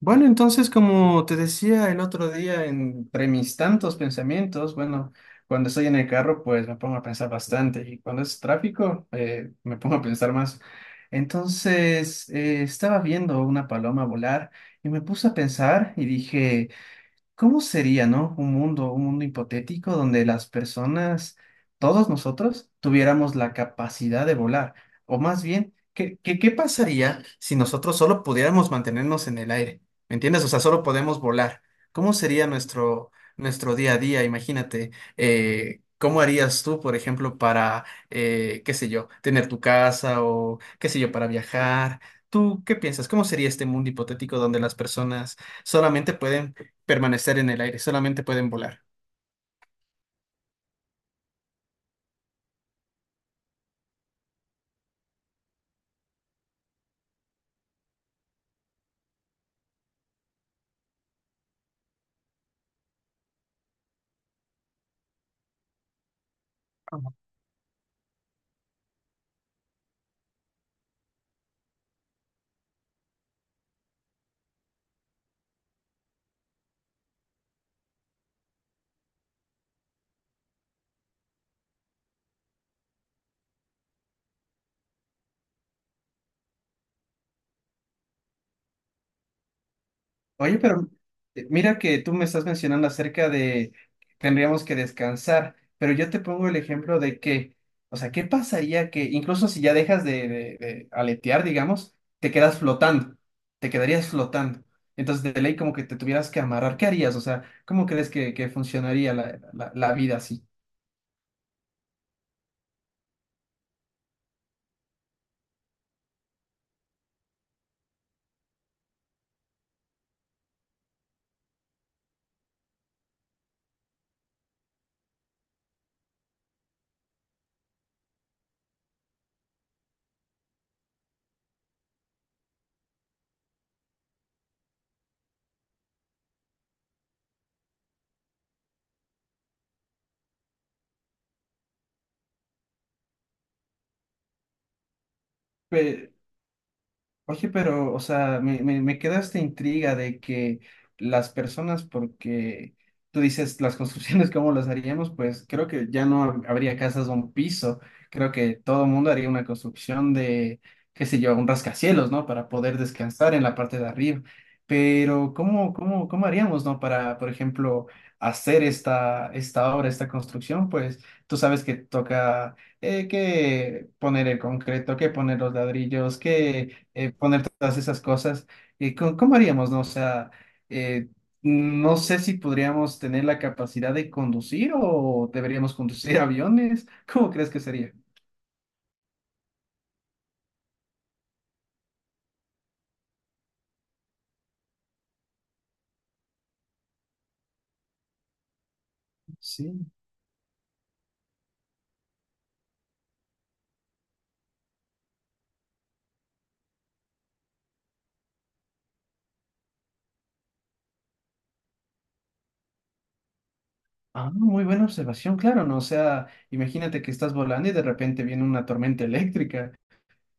Bueno, entonces, como te decía el otro día, entre mis tantos pensamientos, bueno, cuando estoy en el carro, pues me pongo a pensar bastante y cuando es tráfico, me pongo a pensar más. Entonces, estaba viendo una paloma volar y me puse a pensar y dije, ¿cómo sería, no? Un mundo hipotético donde las personas, todos nosotros, tuviéramos la capacidad de volar. O más bien, ¿qué, qué, qué pasaría si nosotros solo pudiéramos mantenernos en el aire? ¿Me entiendes? O sea, solo podemos volar. ¿Cómo sería nuestro, nuestro día a día? Imagínate, ¿cómo harías tú, por ejemplo, para, qué sé yo, tener tu casa o, qué sé yo, para viajar? ¿Tú qué piensas? ¿Cómo sería este mundo hipotético donde las personas solamente pueden permanecer en el aire, solamente pueden volar? Ajá. Oye, pero mira que tú me estás mencionando acerca de que tendríamos que descansar, pero yo te pongo el ejemplo de que, o sea, ¿qué pasaría que incluso si ya dejas de, de aletear, digamos, te quedas flotando, te quedarías flotando? Entonces, de ley, como que te tuvieras que amarrar, ¿qué harías? O sea, ¿cómo crees que funcionaría la, la vida así? Oye, pero, o sea, me queda esta intriga de que las personas, porque tú dices las construcciones, ¿cómo las haríamos? Pues creo que ya no habría casas de un piso, creo que todo el mundo haría una construcción de, qué sé yo, un rascacielos, ¿no? Para poder descansar en la parte de arriba. Pero, ¿cómo haríamos, ¿no? Para, por ejemplo, hacer esta, esta obra, esta construcción, pues tú sabes que toca... que poner el concreto, que poner los ladrillos, que poner todas esas cosas. Cómo haríamos, no? O sea, eh, no sé si podríamos tener la capacidad de conducir o deberíamos conducir aviones. ¿Cómo crees que sería? Sí. Ah, muy buena observación, claro, ¿no? O sea, imagínate que estás volando y de repente viene una tormenta eléctrica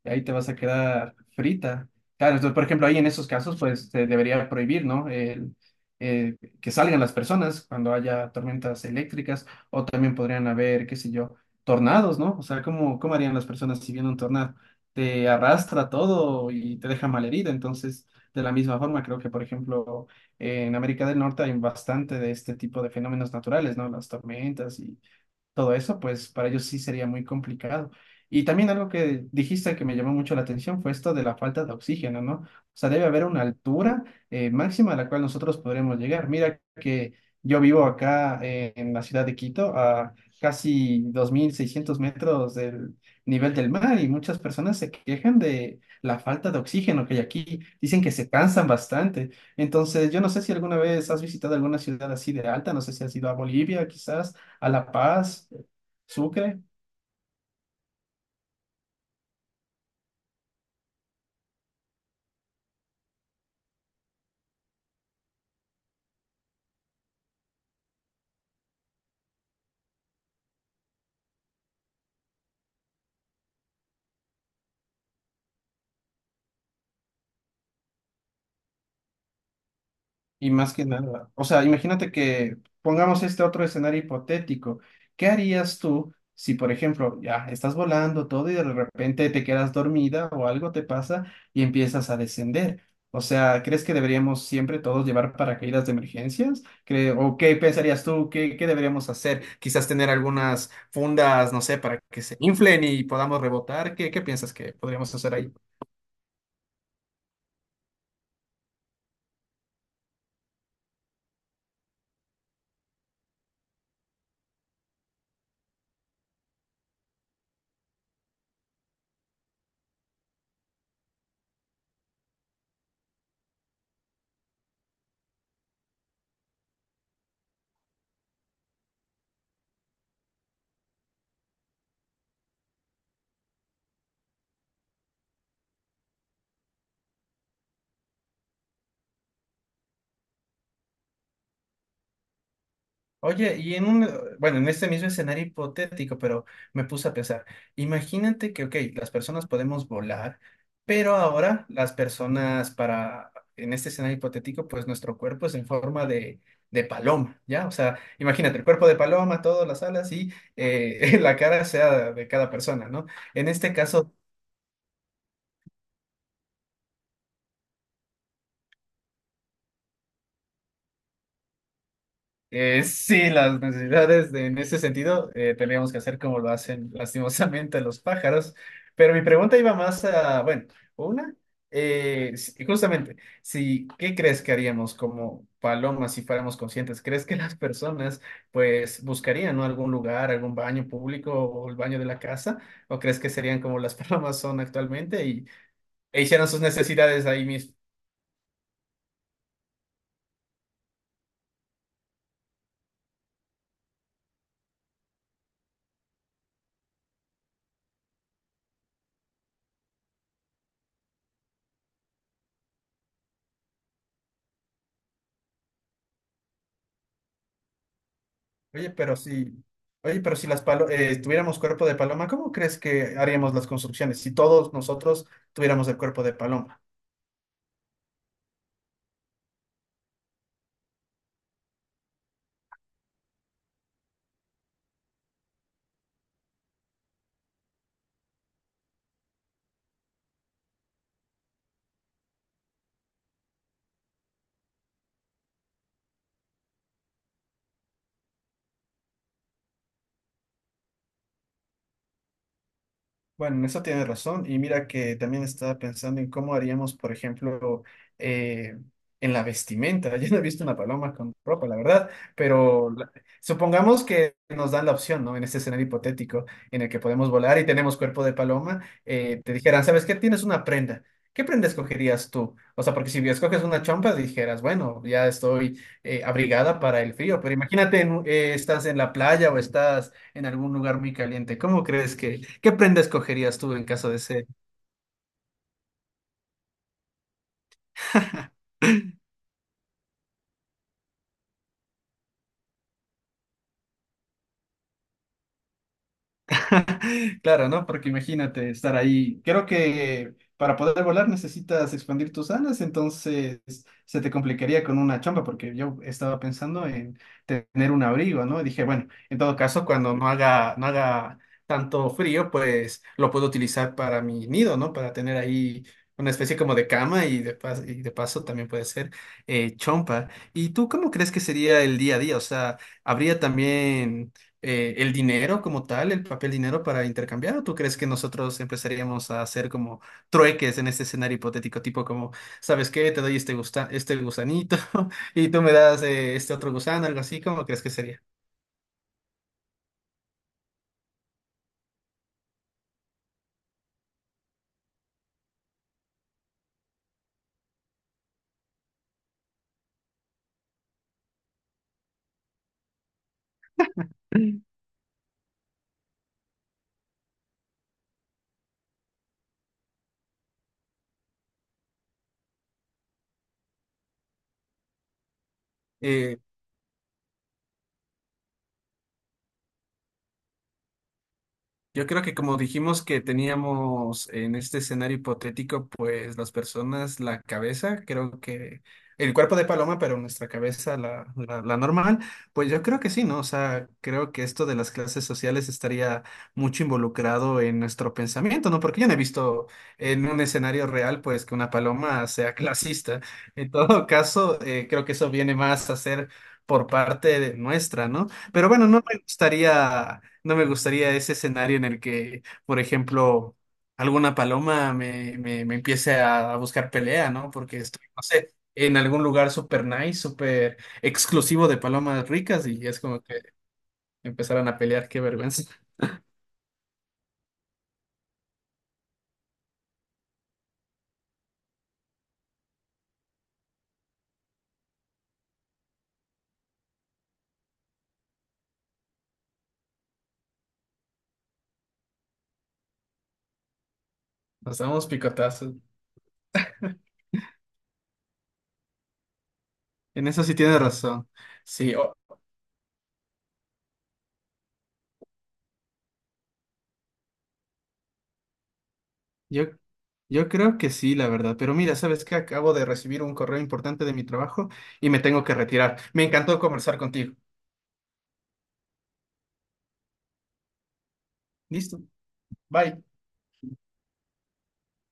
y ahí te vas a quedar frita. Claro, entonces, por ejemplo, ahí en esos casos, pues se debería prohibir, ¿no? El, eh, que salgan las personas cuando haya tormentas eléctricas o también podrían haber, qué sé yo, tornados, ¿no? O sea, cómo harían las personas si viene un tornado? Te arrastra todo y te deja malherida. Entonces, de la misma forma, creo que, por ejemplo, en América del Norte hay bastante de este tipo de fenómenos naturales, ¿no? Las tormentas y todo eso, pues para ellos sí sería muy complicado. Y también algo que dijiste que me llamó mucho la atención fue esto de la falta de oxígeno, ¿no? O sea, debe haber una altura máxima a la cual nosotros podremos llegar. Mira que yo vivo acá en la ciudad de Quito, a casi 2.600 metros del nivel del mar y muchas personas se quejan de la falta de oxígeno que hay aquí. Dicen que se cansan bastante. Entonces, yo no sé si alguna vez has visitado alguna ciudad así de alta, no sé si has ido a Bolivia quizás a La Paz, Sucre, y más que nada. O sea, imagínate que pongamos este otro escenario hipotético. ¿Qué harías tú si, por ejemplo, ya estás volando todo y de repente te quedas dormida o algo te pasa y empiezas a descender? O sea, ¿crees que deberíamos siempre todos llevar paracaídas de emergencias? O qué pensarías tú? ¿Qué, qué deberíamos hacer? Quizás tener algunas fundas, no sé, para que se inflen y podamos rebotar. ¿Qué, qué piensas que podríamos hacer ahí? Oye, y en un, bueno, en este mismo escenario hipotético, pero me puse a pensar, imagínate que, ok, las personas podemos volar, pero ahora las personas para, en este escenario hipotético, pues nuestro cuerpo es en forma de paloma, ¿ya? O sea, imagínate, el cuerpo de paloma, todas las alas y la cara sea de cada persona, ¿no? En este caso, sí, las necesidades en ese sentido tendríamos que hacer como lo hacen lastimosamente los pájaros, pero mi pregunta iba más a, bueno, una, justamente, si, ¿qué crees que haríamos como palomas si fuéramos conscientes? ¿Crees que las personas pues buscarían, ¿no? algún lugar, algún baño público o el baño de la casa? ¿O crees que serían como las palomas son actualmente y, e hicieran sus necesidades ahí mismo? Oye, pero si, oye, pero si las tuviéramos cuerpo de paloma, ¿cómo crees que haríamos las construcciones si todos nosotros tuviéramos el cuerpo de paloma? Bueno, en eso tienes razón. Y mira que también estaba pensando en cómo haríamos, por ejemplo, eh, en la vestimenta. Yo no he visto una paloma con ropa, la verdad, pero supongamos que nos dan la opción, ¿no? En este escenario hipotético en el que podemos volar y tenemos cuerpo de paloma, te dijeran, ¿sabes qué? Tienes una prenda. ¿Qué prenda escogerías tú? O sea, porque si escoges una chompa, dijeras, bueno, ya estoy abrigada para el frío, pero imagínate, en estás en la playa o estás en algún lugar muy caliente. ¿Cómo crees que, qué prenda escogerías tú en caso de ser Claro, ¿no? Porque imagínate estar ahí. Creo que para poder volar necesitas expandir tus alas, entonces se te complicaría con una chompa, porque yo estaba pensando en tener un abrigo, ¿no? Y dije, bueno, en todo caso, cuando no haga tanto frío, pues lo puedo utilizar para mi nido, ¿no? Para tener ahí una especie como de cama y de y de paso también puede ser chompa. ¿Y tú cómo crees que sería el día a día? O sea, ¿habría también el dinero como tal, el papel dinero para intercambiar? ¿O tú crees que nosotros empezaríamos a hacer como trueques en este escenario hipotético? Tipo como, ¿sabes qué? Te doy este gusta este gusanito y tú me das este otro gusano, algo así. ¿Cómo crees que sería? Yo creo que como dijimos que teníamos en este escenario hipotético, pues las personas, la cabeza, creo que el cuerpo de paloma, pero nuestra cabeza, la normal, pues yo creo que sí, ¿no? O sea, creo que esto de las clases sociales estaría mucho involucrado en nuestro pensamiento, ¿no? Porque yo no he visto en un escenario real, pues, que una paloma sea clasista. En todo caso, creo que eso viene más a ser por parte de nuestra, ¿no? Pero bueno, no me gustaría ese escenario en el que, por ejemplo, alguna paloma me empiece a buscar pelea, ¿no? Porque estoy, no sé, en algún lugar súper nice, súper exclusivo de palomas ricas y es como que empezaran a pelear, qué vergüenza. Nos damos picotazos. En eso sí tienes razón. Sí, yo, yo creo que sí, la verdad. Pero mira, ¿sabes qué? Acabo de recibir un correo importante de mi trabajo y me tengo que retirar. Me encantó conversar contigo. Listo. Bye.